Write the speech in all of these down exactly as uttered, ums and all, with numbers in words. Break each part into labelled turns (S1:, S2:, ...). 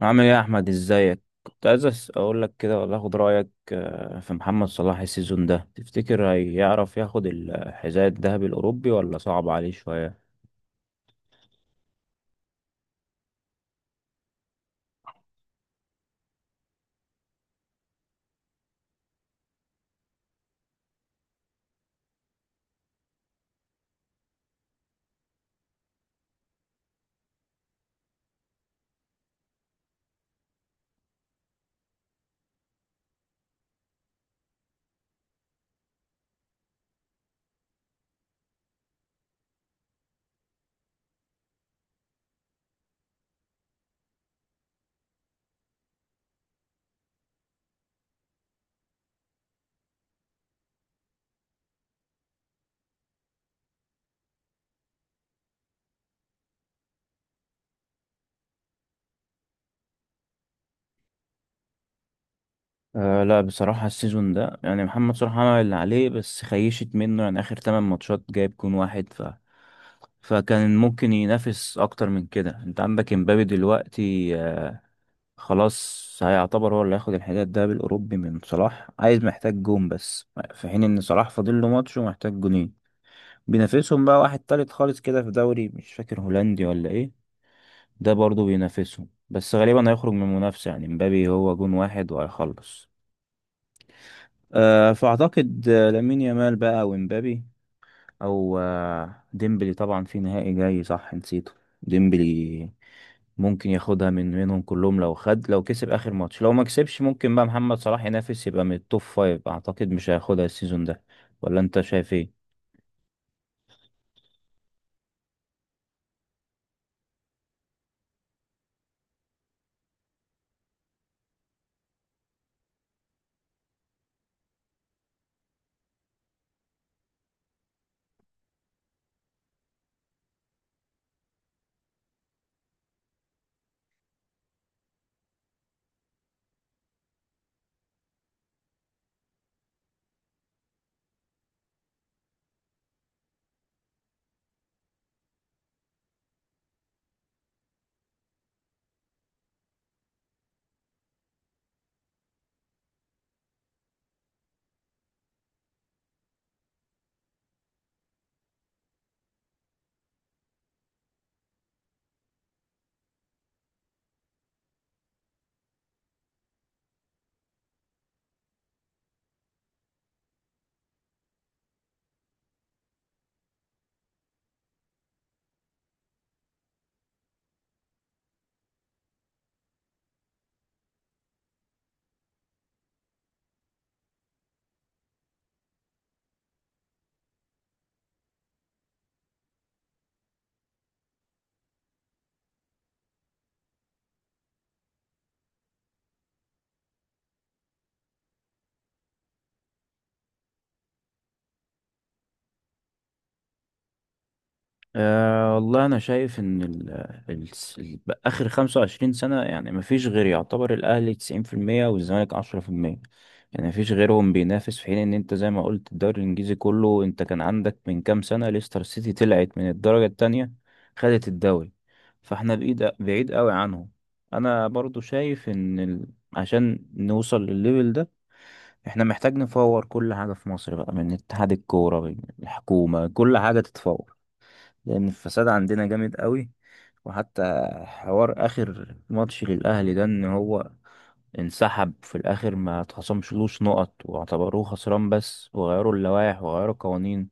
S1: عامل ايه يا احمد؟ ازيك؟ كنت عايز أس- اقول لك كده، ولا اخد رايك. آه، في محمد صلاح السيزون ده، تفتكر هيعرف ياخد الحذاء الذهبي الاوروبي ولا صعب عليه شويه؟ أه لا، بصراحه السيزون ده يعني محمد صلاح عمل اللي عليه، بس خيشت منه. يعني اخر 8 ماتشات جايب جون واحد، ف فكان ممكن ينافس اكتر من كده. انت عندك امبابي دلوقتي، آه، خلاص هيعتبر هو اللي هياخد الحذاء الذهبي الاوروبي من صلاح، عايز محتاج جون بس، في حين ان صلاح فاضل له ماتش ومحتاج جونين. بينافسهم بقى واحد تالت خالص كده في دوري مش فاكر هولندي ولا ايه. ده برضو بينافسهم، بس غالبا هيخرج من المنافسة. يعني مبابي هو جون واحد وهيخلص. أه فأعتقد آه، لامين يامال بقى ومبابي، أو آه، ديمبلي، طبعا في نهائي جاي صح، نسيته ديمبلي. ممكن ياخدها من منهم كلهم، لو خد، لو كسب آخر ماتش. لو ما كسبش ممكن بقى محمد صلاح ينافس، يبقى من التوب فايف. أعتقد مش هياخدها السيزون ده، ولا أنت شايف ايه؟ أه والله أنا شايف إن ال ال ال آخر خمسة وعشرين سنة يعني مفيش غير، يعتبر الأهلي تسعين في المية والزمالك عشرة في المية، يعني مفيش غيرهم بينافس. في حين إن أنت زي ما قلت، الدوري الإنجليزي كله، أنت كان عندك من كام سنة ليستر سيتي طلعت من الدرجة التانية خدت الدوري. فاحنا بعيد بعيد قوي عنهم. أنا برضو شايف إن ال عشان نوصل للليفل ده، احنا محتاج نفور كل حاجة في مصر بقى، من اتحاد الكورة، من الحكومة، كل حاجة تتفور، لأن الفساد عندنا جامد قوي. وحتى حوار آخر ماتش للأهلي ده، إن هو انسحب في الآخر، ما اتخصمشلوش نقط واعتبروه خسران بس، وغيروا اللوائح وغيروا القوانين.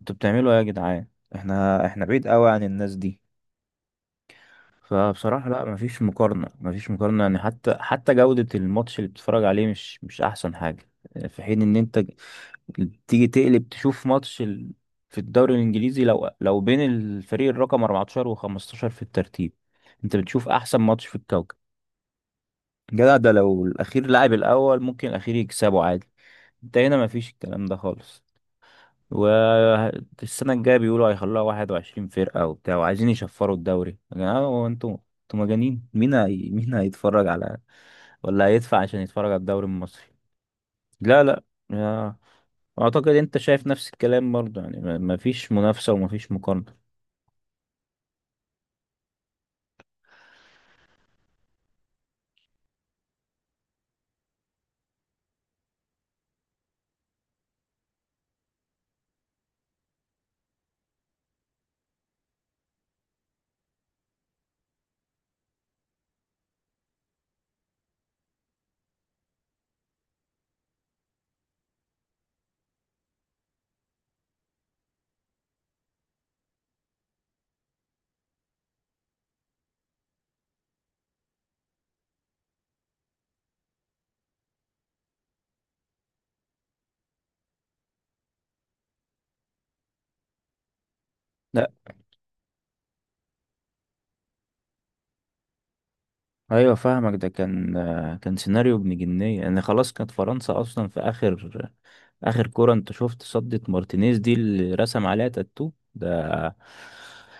S1: انتوا بتعملوا ايه يا جدعان؟ احنا احنا بعيد قوي عن الناس دي. فبصراحة لا، مفيش مقارنة، مفيش مقارنة. يعني حتى حتى جودة الماتش اللي بتتفرج عليه مش مش أحسن حاجة. في حين إن أنت تيجي تقلب تشوف ماتش ال... في الدوري الانجليزي، لو لو بين الفريق الرقم أربعتاشر وخمستاشر في الترتيب، انت بتشوف احسن ماتش في الكوكب. جدع ده لو الاخير لعب الاول ممكن الاخير يكسبه عادي. انت هنا مفيش الكلام ده خالص. والسنة الجاية بيقولوا هيخلوها 21 فرقة وبتاع، وعايزين يشفروا الدوري. يا جماعة هو انتوا انتوا مجانين؟ مين هي... مين هيتفرج على، ولا هيدفع عشان يتفرج على الدوري المصري؟ لا لا. يا- اعتقد انت شايف نفس الكلام برضه. يعني ما ما فيش منافسة وما فيش مقارنة. لا ايوه فاهمك، ده كان آه، كان سيناريو ابن جنيه. يعني خلاص كانت فرنسا اصلا في اخر اخر كرة، انت شفت صدة مارتينيز دي اللي رسم عليها تاتو ده.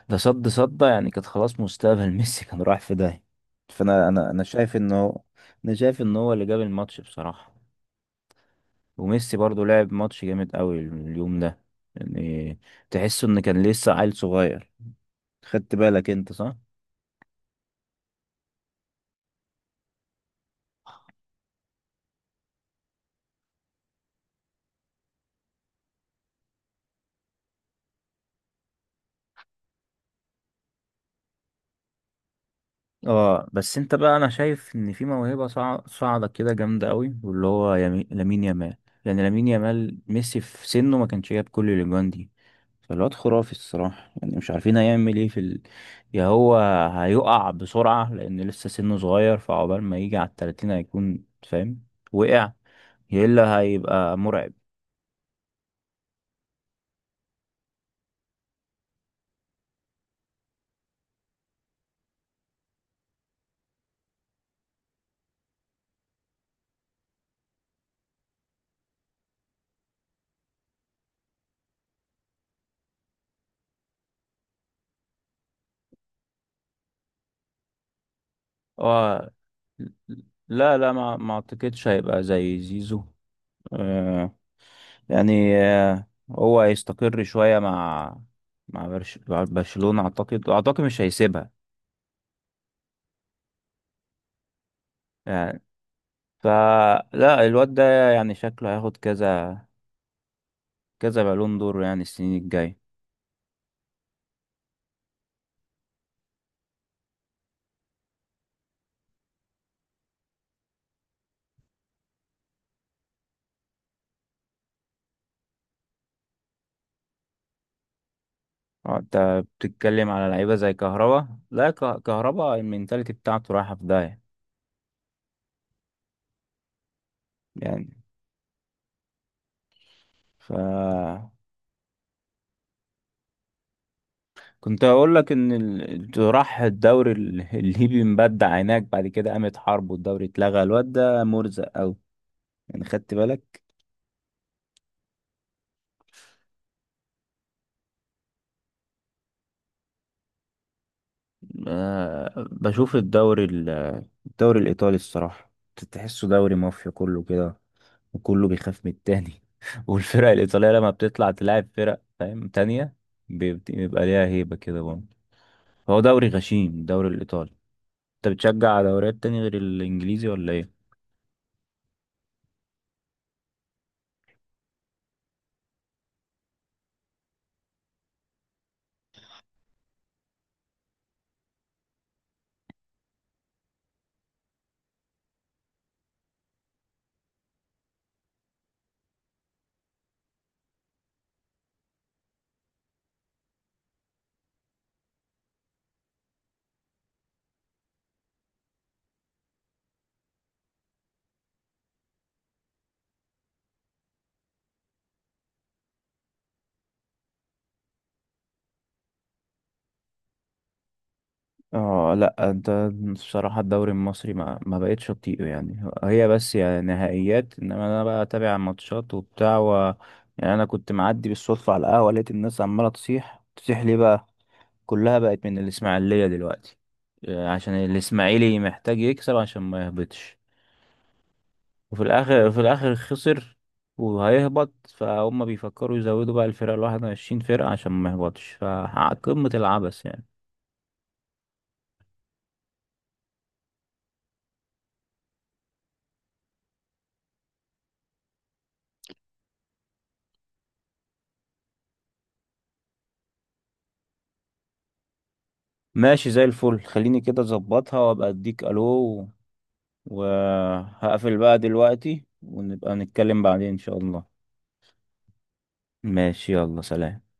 S1: ده صد صدة، يعني كانت خلاص مستقبل ميسي كان رايح في داهية. فانا انا انا شايف انه، انا شايف ان هو اللي جاب الماتش بصراحة. وميسي برضو لعب ماتش جامد قوي اليوم ده. يعني تحسه ان كان لسه عيل صغير. خدت بالك انت؟ صح. اه، بس انت بقى انا شايف ان في موهبه صاع- صاعده كده جامده قوي، واللي هو يمي... لامين يامال. يعني لامين يامال، ميسي في سنه ما كانش جاب كل الاجوان دي. فالواد خرافي الصراحه. يعني مش عارفين هيعمل ايه في ال... يا هو هيقع بسرعه لان لسه سنه صغير، فعقبال ما يجي على التلاتين هيكون فاهم وقع، يا الا هيبقى مرعب. اه، لا لا، ما ما اعتقدش هيبقى زي زيزو. آه يعني آه هو هيستقر شوية، مع مع برش- مع برشلونة، اعتقد اعتقد مش هيسيبها. يعني فلا الواد ده يعني شكله هياخد كذا كذا بالون دور يعني، السنين الجاية. آه، انت بتتكلم على لعيبة زي كهربا؟ لا، ك- كهربا المينتاليتي بتاعته رايحة في داهية. يعني ف كنت اقول لك ان ال- راح الدوري ال- الليبي، مبدع هناك. بعد كده قامت حرب والدوري اتلغى. الواد ده مرزق قوي يعني، خدت بالك؟ آه، بشوف الدوري ال- الدوري الايطالي الصراحه. تحسه دوري مافيا كله كده، وكله بيخاف من التاني والفرق الايطاليه لما بتطلع تلاعب فرق فاهم تانية، بيبت- بيبقى ليها هيبه كده برضه. هو دوري غشيم الدوري الايطالي. انت بتشجع دوريات تاني غير الانجليزي ولا ايه؟ اه لا انت، بصراحة الدوري المصري ما ما بقتش اطيقه. يعني هي بس يعني نهائيات، انما انا بقى اتابع ماتشات وبتاع و... يعني انا كنت معدي بالصدفة على القهوة، لقيت الناس عمالة تصيح، تصيح ليه بقى؟ كلها بقت من الاسماعيلية دلوقتي، آه، عشان الاسماعيلي محتاج يكسب عشان ما يهبطش. وفي الاخر في الاخر خسر وهيهبط. فهم بيفكروا يزودوا بقى الفرقة الواحد وعشرين فرقة عشان ما يهبطش. فقمة العبث يعني. ماشي زي الفل، خليني كده اظبطها وابقى اديك الو و- وهقفل بقى دلوقتي ونبقى نتكلم بعدين ان شاء الله. ماشي، يلا سلام.